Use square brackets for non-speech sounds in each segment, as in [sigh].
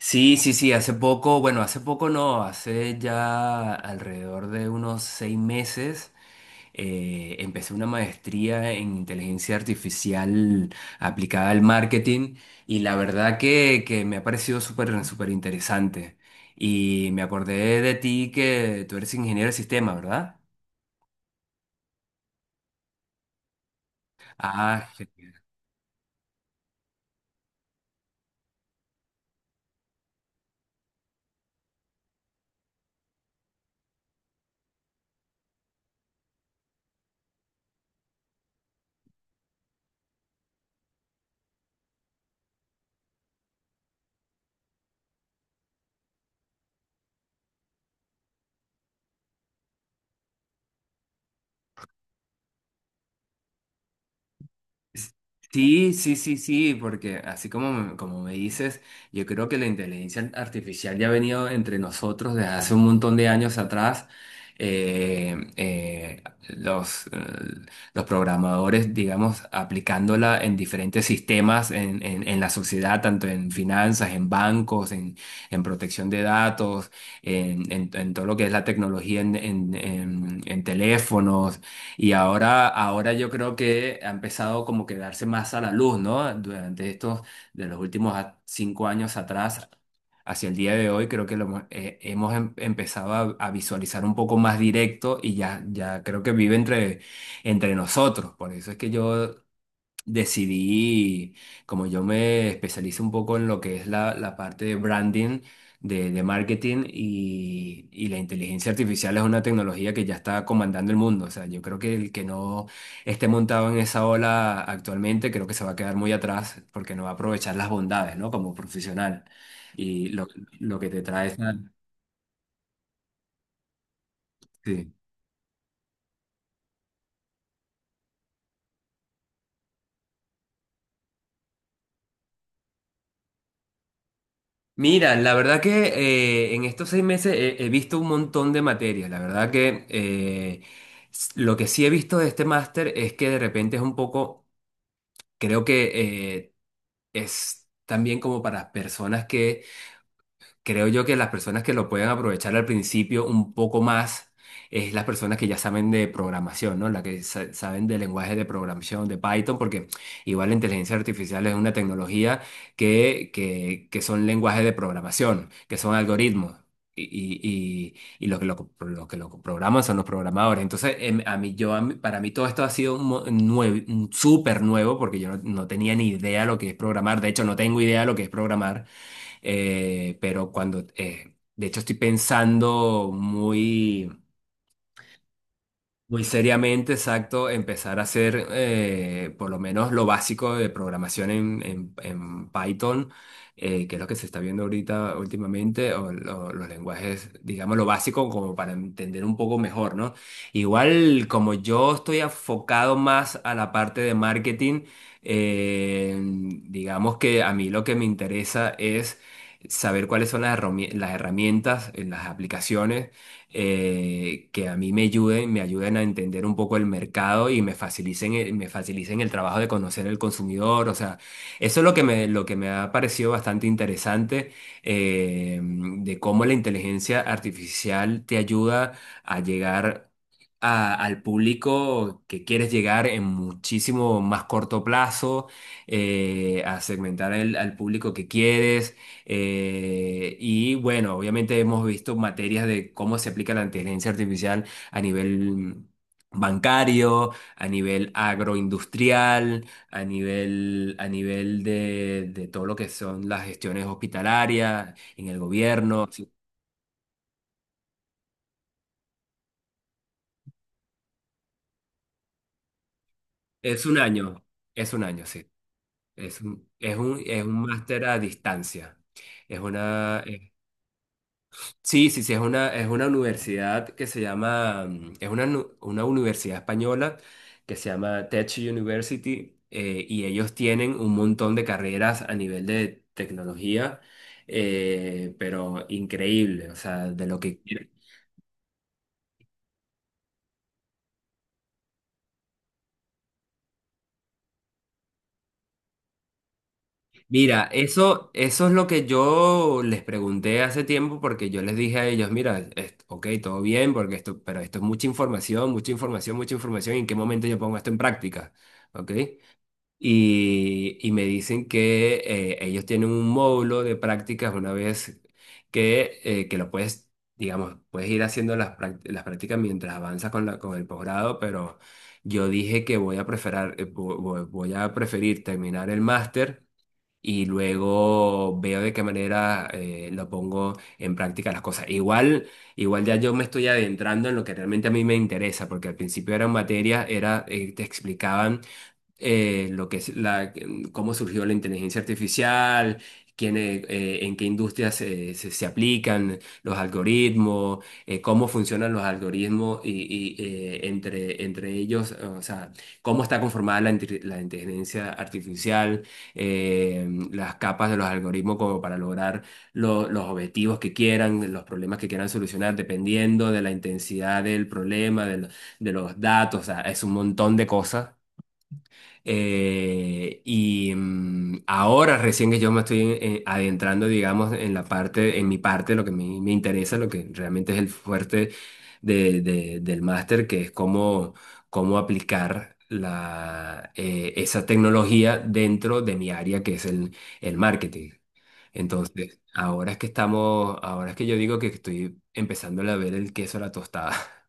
Sí, sí, sí, hace poco, bueno, hace poco no, hace ya alrededor de unos 6 meses empecé una maestría en inteligencia artificial aplicada al marketing y la verdad que me ha parecido súper, súper interesante. Y me acordé de ti que tú eres ingeniero de sistema, ¿verdad? Ah, sí, sí, sí, sí, porque así como, como me dices, yo creo que la inteligencia artificial ya ha venido entre nosotros desde hace un montón de años atrás. Eh, eh, los, eh, los programadores, digamos, aplicándola en diferentes sistemas en, en la sociedad, tanto en finanzas, en bancos, en protección de datos, en, en todo lo que es la tecnología en teléfonos. Y ahora yo creo que ha empezado como que darse más a la luz, ¿no? Durante estos, de los últimos 5 años atrás, hacia el día de hoy, creo que hemos empezado a visualizar un poco más directo y ya creo que vive entre nosotros. Por eso es que yo decidí, como yo me especializo un poco en lo que es la parte de branding, de marketing y la inteligencia artificial es una tecnología que ya está comandando el mundo. O sea, yo creo que el que no esté montado en esa ola actualmente, creo que se va a quedar muy atrás porque no va a aprovechar las bondades, ¿no? Como profesional. Y lo que te trae esa... sí. Mira, la verdad que en estos 6 meses he visto un montón de materias. La verdad que lo que sí he visto de este máster es que de repente es un poco, creo que eh, es también como para personas que creo yo que las personas que lo pueden aprovechar al principio un poco más es las personas que ya saben de programación, ¿no? Las que saben de lenguaje de programación, de Python, porque igual la inteligencia artificial es una tecnología que son lenguajes de programación, que son algoritmos. Y lo que lo programan son los programadores. Entonces, a mí, yo, a mí- para mí todo esto ha sido un súper nuevo porque yo no tenía ni idea lo que es programar. De hecho, no tengo idea lo que es programar. Pero cuando, de hecho, estoy pensando muy muy seriamente, exacto, empezar a hacer por lo menos lo básico de programación en, en Python, que es lo que se está viendo ahorita últimamente, o, los lenguajes, digamos, lo básico como para entender un poco mejor, ¿no? Igual como yo estoy enfocado más a la parte de marketing, eh, digamos que a mí lo que me interesa es saber cuáles son las las herramientas, las aplicaciones que a mí me ayuden a entender un poco el mercado y me facilicen, me facilicen el trabajo de conocer el consumidor. O sea, eso es lo que me ha parecido bastante interesante, de cómo la inteligencia artificial te ayuda a llegar al público que quieres llegar en muchísimo más corto plazo, a segmentar al público que quieres, y bueno, obviamente hemos visto materias de cómo se aplica la inteligencia artificial a nivel bancario, a nivel agroindustrial, a nivel de todo lo que son las gestiones hospitalarias, en el gobierno. Sí. Es un año, es un año, sí. Es un máster a distancia. Es una, sí, sí, sí, es una universidad que se llama, es una, una universidad española que se llama Tech University, y ellos tienen un montón de carreras a nivel de tecnología, pero increíble, o sea, de lo que quieran. Mira, eso es lo que yo les pregunté hace tiempo porque yo les dije a ellos, mira, ok, todo bien, porque esto, pero esto es mucha información, mucha información, mucha información, y ¿en qué momento yo pongo esto en práctica? ¿Ok? Y me dicen que ellos tienen un módulo de prácticas una vez que lo puedes, digamos, puedes ir haciendo las prácticas mientras avanzas con el posgrado, pero yo dije que voy a preferir terminar el máster. Y luego veo de qué manera lo pongo en práctica las cosas. Igual ya yo me estoy adentrando en lo que realmente a mí me interesa, porque al principio eran materias, te explicaban lo que es la, cómo surgió la inteligencia artificial, en qué industrias se aplican los algoritmos, cómo funcionan los algoritmos y entre ellos, o sea, cómo está conformada la inteligencia artificial, las capas de los algoritmos como para lograr los objetivos que quieran, los problemas que quieran solucionar, dependiendo de la intensidad del problema, de los datos, o sea, es un montón de cosas y ahora recién que yo me estoy adentrando, digamos, en la parte, en mi parte, lo que me interesa, lo que realmente es el fuerte del máster, que es cómo, aplicar esa tecnología dentro de mi área, que es el marketing. Entonces, ahora es que yo digo que estoy empezando a ver el queso a la tostada. [laughs]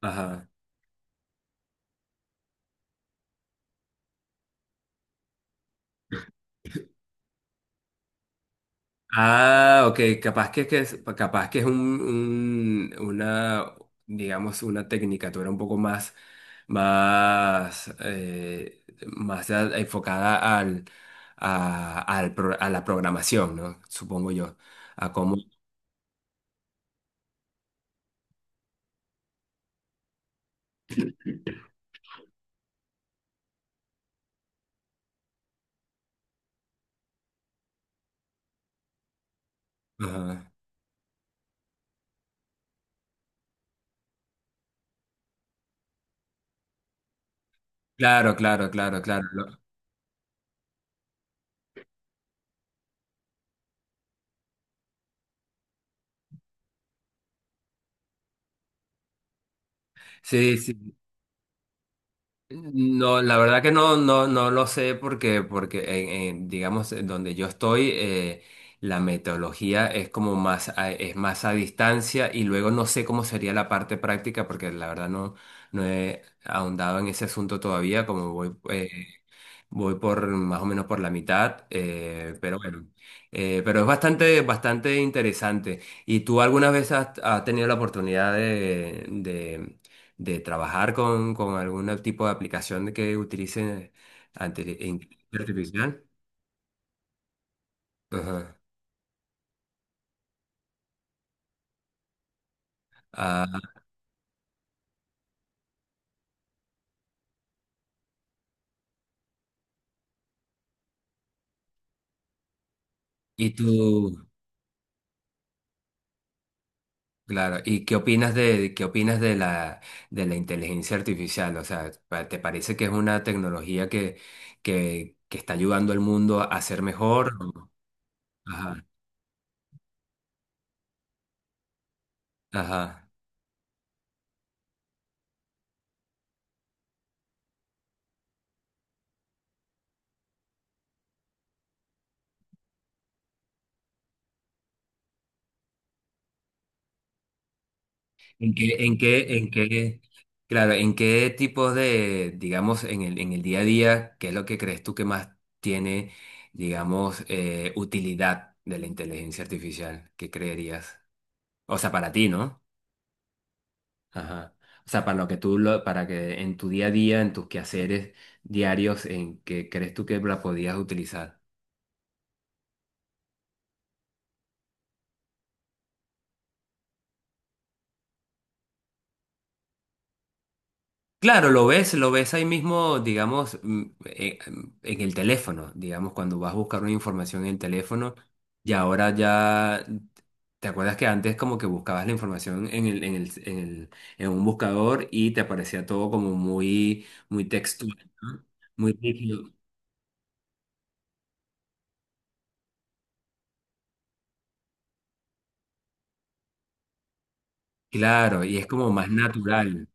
Ajá. Ah, ok, capaz que es, capaz que es una, digamos, una tecnicatura un poco más, más, eh, más enfocada al, a, al pro- a la programación, ¿no? Supongo yo, a cómo... ajá. Claro, claro, claro, claro. Sí, sí. No, la verdad que no lo sé porque digamos, en donde yo estoy, la metodología es más a distancia y luego no sé cómo sería la parte práctica porque la verdad no he ahondado en ese asunto todavía. Como voy Voy por más o menos por la mitad, pero bueno, pero es bastante, bastante interesante. ¿Y tú alguna vez has tenido la oportunidad de, de trabajar con algún tipo de aplicación que utilice inteligencia artificial? Ajá. Ah, y tú, claro, ¿y qué opinas de la inteligencia artificial? O sea, ¿te parece que es una tecnología que está ayudando al mundo a ser mejor? Ajá. Ajá. ¿En qué, claro, en qué tipos de, digamos, en el día a día, qué es lo que crees tú que más tiene, digamos, utilidad de la inteligencia artificial? ¿Qué creerías? O sea, para ti, ¿no? Ajá. O sea, para lo que tú, lo, para que en tu día a día, en tus quehaceres diarios, ¿en qué crees tú que la podías utilizar? Claro, lo ves ahí mismo, digamos, en el teléfono, digamos, cuando vas a buscar una información en el teléfono y ahora ya, ¿te acuerdas que antes como que buscabas la información en un buscador y te aparecía todo como muy, muy textual, ¿no? Muy rígido. Claro, y es como más natural,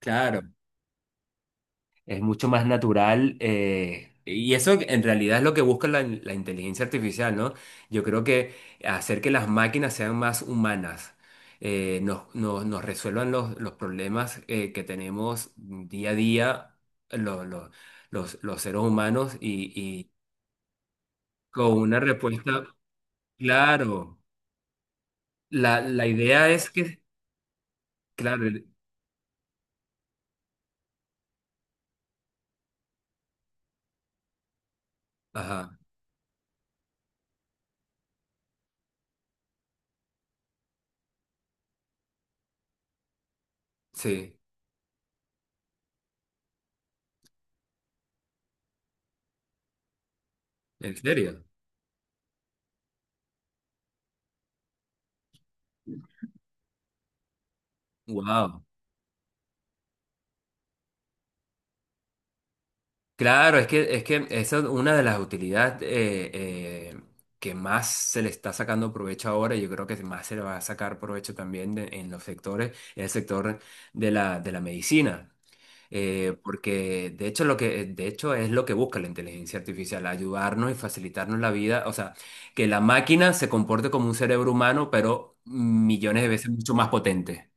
claro. Es mucho más natural, y eso en realidad es lo que busca la inteligencia artificial, ¿no? Yo creo que hacer que las máquinas sean más humanas, nos resuelvan los problemas que tenemos día a día lo- lo- los seres humanos y con una respuesta, claro, la idea es que, claro, ajá, sí, en serio, wow. Claro, es que esa es una de las utilidades que más se le está sacando provecho ahora. Y yo creo que más se le va a sacar provecho también en el sector de la medicina. Porque de hecho, de hecho es lo que busca la inteligencia artificial, ayudarnos y facilitarnos la vida. O sea, que la máquina se comporte como un cerebro humano, pero millones de veces mucho más potente.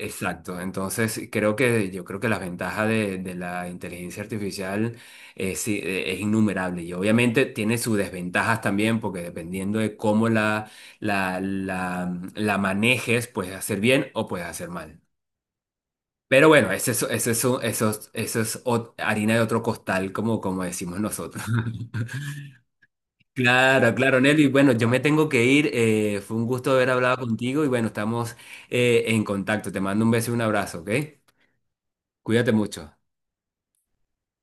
Exacto, entonces creo que yo creo que la ventaja de la inteligencia artificial es, sí, es innumerable y obviamente tiene sus desventajas también porque dependiendo de cómo la, la manejes, puedes hacer bien o puedes hacer mal. Pero bueno, eso es harina de otro costal, como decimos nosotros. [laughs] Claro, claro, Nelly. Bueno, yo me tengo que ir. Fue un gusto haber hablado contigo y bueno, estamos en contacto. Te mando un beso y un abrazo, ¿ok? Cuídate mucho.